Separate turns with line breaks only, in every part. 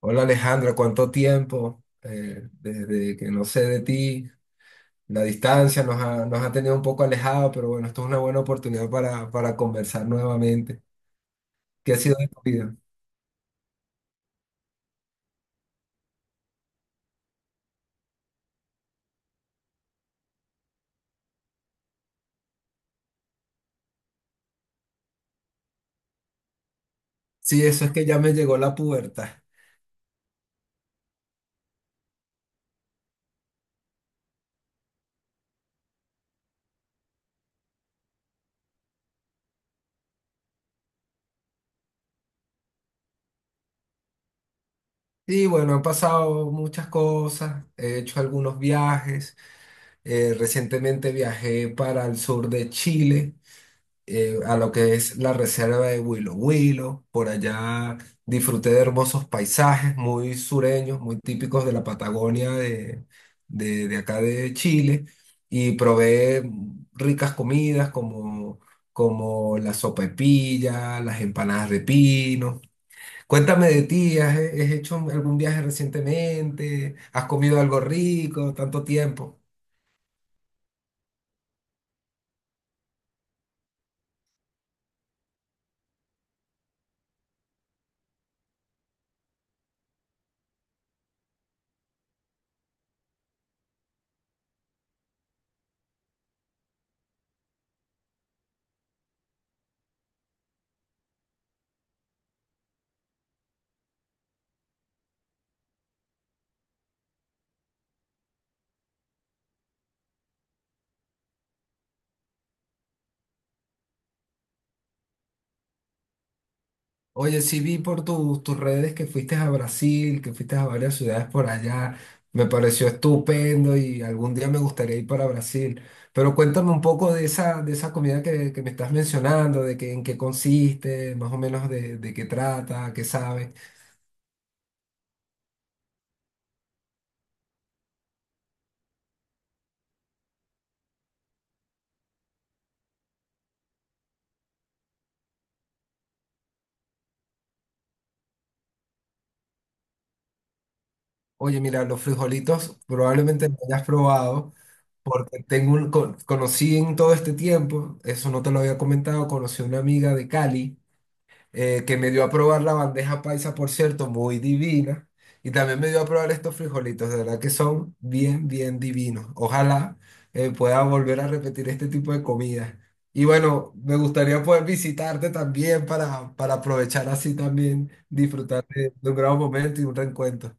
Hola Alejandra, ¿cuánto tiempo? Desde que no sé de ti, la distancia nos ha tenido un poco alejado, pero bueno, esto es una buena oportunidad para conversar nuevamente. ¿Qué ha sido de tu vida? Sí, eso es que ya me llegó la pubertad. Y bueno, han pasado muchas cosas, he hecho algunos viajes. Recientemente viajé para el sur de Chile, a lo que es la reserva de Huilo Huilo. Por allá disfruté de hermosos paisajes muy sureños, muy típicos de la Patagonia de acá de Chile. Y probé ricas comidas como la sopa de pilla, las empanadas de pino. Cuéntame de ti, has hecho algún viaje recientemente? ¿Has comido algo rico tanto tiempo? Oye, sí vi por tus redes que fuiste a Brasil, que fuiste a varias ciudades por allá. Me pareció estupendo y algún día me gustaría ir para Brasil. Pero cuéntame un poco de esa comida que me estás mencionando, de que, en qué consiste, más o menos de qué trata, qué sabe. Oye, mira, los frijolitos probablemente no hayas probado porque tengo un, conocí en todo este tiempo, eso no te lo había comentado, conocí a una amiga de Cali que me dio a probar la bandeja paisa, por cierto, muy divina. Y también me dio a probar estos frijolitos, de verdad que son bien, bien divinos. Ojalá pueda volver a repetir este tipo de comida. Y bueno, me gustaría poder visitarte también para aprovechar así también, disfrutar de un gran momento y un reencuentro.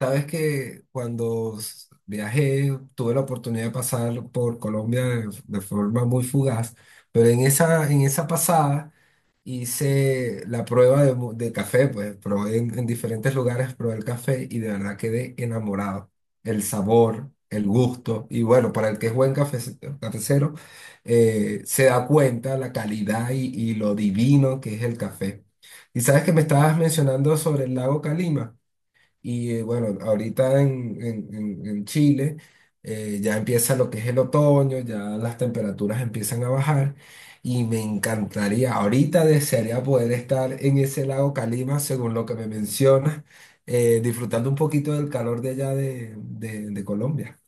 Sabes que cuando viajé, tuve la oportunidad de pasar por Colombia de forma muy fugaz, pero en esa pasada, hice la prueba de, de café, pues probé en diferentes lugares, probé el café y de verdad quedé enamorado. El sabor, el gusto, y bueno, para el que es buen cafe, cafecero, se da cuenta la calidad y lo divino que es el café. Y sabes que me estabas mencionando sobre el lago Calima. Y bueno, ahorita en Chile ya empieza lo que es el otoño, ya las temperaturas empiezan a bajar y me encantaría, ahorita desearía poder estar en ese lago Calima, según lo que me mencionas, disfrutando un poquito del calor de allá de Colombia.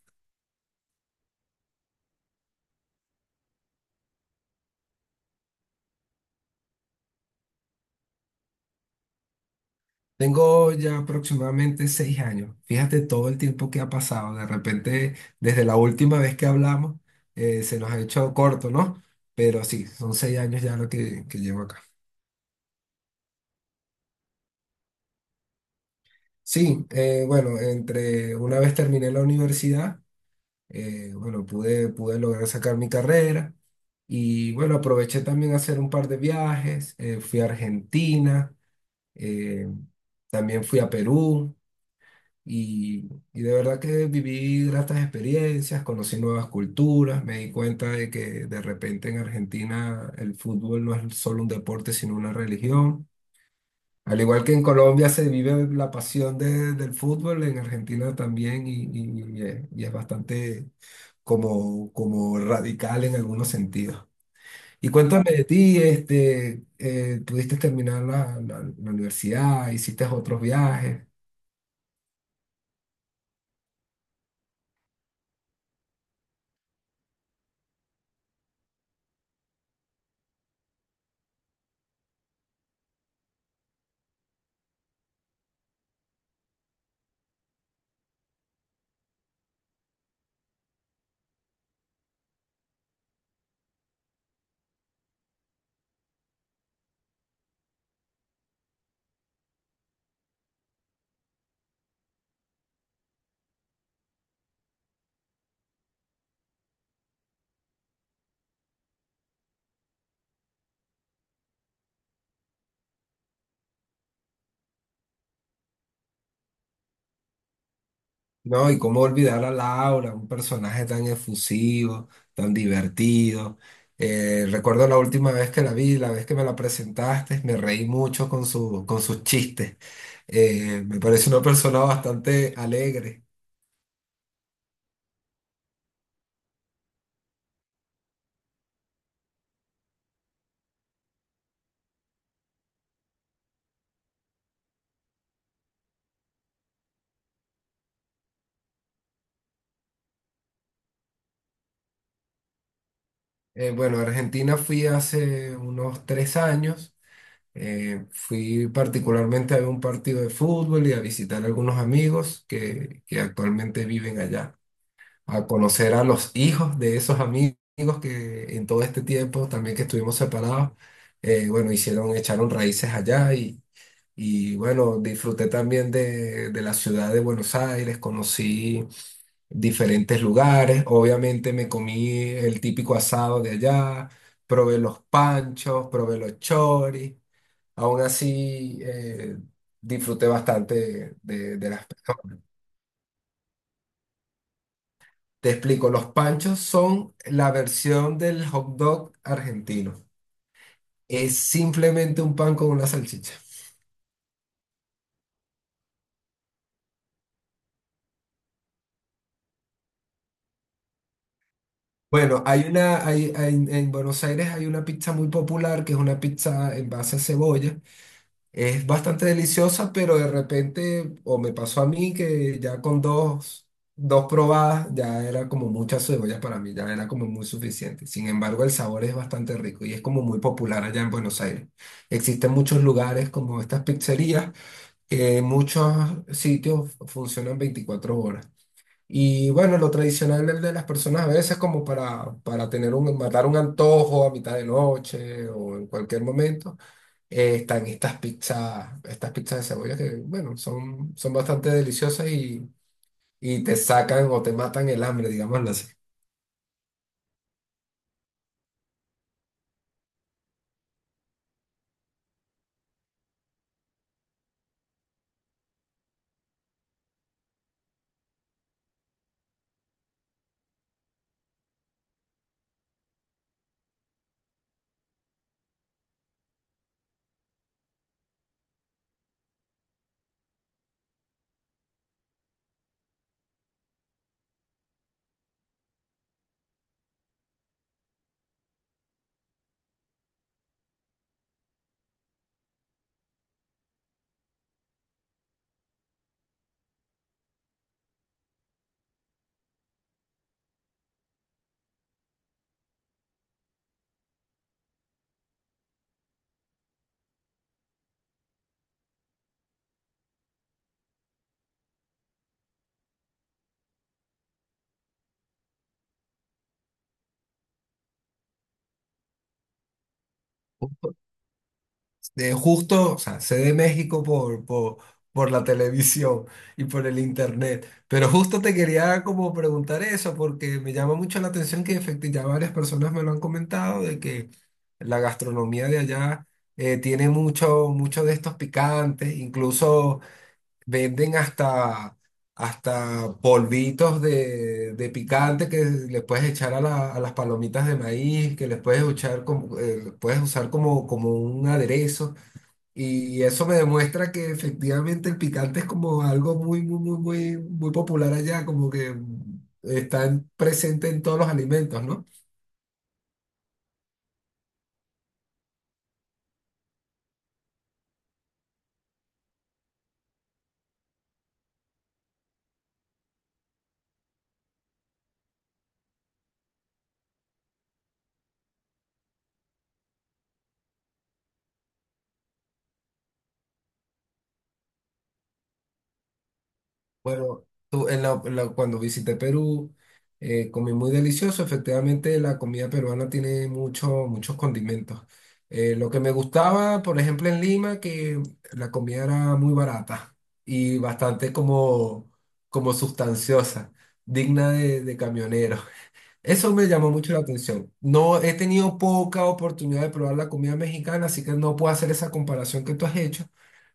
Tengo ya aproximadamente seis años. Fíjate todo el tiempo que ha pasado. De repente, desde la última vez que hablamos, se nos ha hecho corto, ¿no? Pero sí, son seis años ya que llevo acá. Sí, bueno, entre una vez terminé la universidad, bueno, pude lograr sacar mi carrera y bueno, aproveché también a hacer un par de viajes. Fui a Argentina, eh, también fui a Perú. Y, y de verdad que viví gratas experiencias, conocí nuevas culturas, me di cuenta de que de repente en Argentina el fútbol no es solo un deporte, sino una religión. Al igual que en Colombia se vive la pasión del fútbol, en Argentina también y es bastante como, como radical en algunos sentidos. Y cuéntame de ti, este, ¿pudiste terminar la, la universidad? ¿Hiciste otros viajes? No, y cómo olvidar a Laura, un personaje tan efusivo, tan divertido. Recuerdo la última vez que la vi, la vez que me la presentaste, me reí mucho con con sus chistes. Me parece una persona bastante alegre. Bueno, a Argentina fui hace unos tres años. Fui particularmente a ver un partido de fútbol y a visitar a algunos amigos que actualmente viven allá, a conocer a los hijos de esos amigos que en todo este tiempo también que estuvimos separados, bueno, hicieron, echaron raíces allá y bueno, disfruté también de la ciudad de Buenos Aires, conocí diferentes lugares, obviamente me comí el típico asado de allá, probé los panchos, probé los choris, aún así disfruté bastante de las… Te explico, los panchos son la versión del hot dog argentino. Es simplemente un pan con una salchicha. Bueno, hay una, en Buenos Aires hay una pizza muy popular que es una pizza en base a cebolla. Es bastante deliciosa, pero de repente, o me pasó a mí que ya con dos probadas ya era como mucha cebolla para mí, ya era como muy suficiente. Sin embargo, el sabor es bastante rico y es como muy popular allá en Buenos Aires. Existen muchos lugares como estas pizzerías. Muchos sitios funcionan 24 horas. Y bueno, lo tradicional es de las personas a veces como para tener un, matar un antojo a mitad de noche o en cualquier momento, están estas pizzas de cebolla que, bueno, son, son bastante deliciosas y te sacan o te matan el hambre, digámoslo así. De justo, o sea, sé de México por la televisión y por el internet, pero justo te quería como preguntar eso porque me llama mucho la atención que efectivamente ya varias personas me lo han comentado de que la gastronomía de allá tiene mucho, mucho de estos picantes, incluso venden hasta polvitos de picante que le puedes echar a, a las palomitas de maíz, que les puedes echar como, puedes usar como, como un aderezo. Y eso me demuestra que efectivamente el picante es como algo muy, muy, muy, muy, muy popular allá, como que está presente en todos los alimentos, ¿no? Bueno, tú, cuando visité Perú, comí muy delicioso. Efectivamente, la comida peruana tiene mucho, muchos condimentos. Lo que me gustaba, por ejemplo, en Lima, que la comida era muy barata y bastante como, como sustanciosa, digna de camionero. Eso me llamó mucho la atención. No he tenido poca oportunidad de probar la comida mexicana, así que no puedo hacer esa comparación que tú has hecho.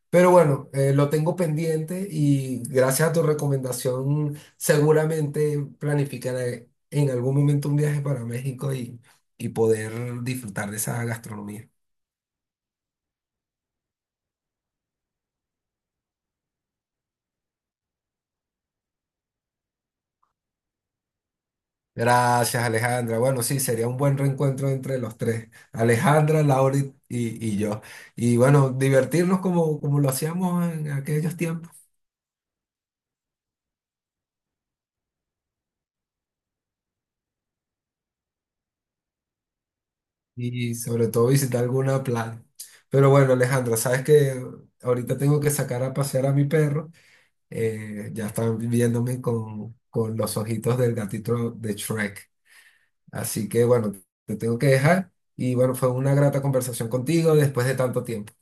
Pero bueno, lo tengo pendiente y gracias a tu recomendación seguramente planificaré en algún momento un viaje para México y poder disfrutar de esa gastronomía. Gracias, Alejandra. Bueno, sí, sería un buen reencuentro entre los tres, Alejandra, Laura y yo. Y bueno, divertirnos como, como lo hacíamos en aquellos tiempos y sobre todo visitar alguna playa. Pero bueno, Alejandra, sabes que ahorita tengo que sacar a pasear a mi perro. Ya están viéndome con los ojitos del gatito de Shrek. Así que bueno, te tengo que dejar y bueno, fue una grata conversación contigo después de tanto tiempo.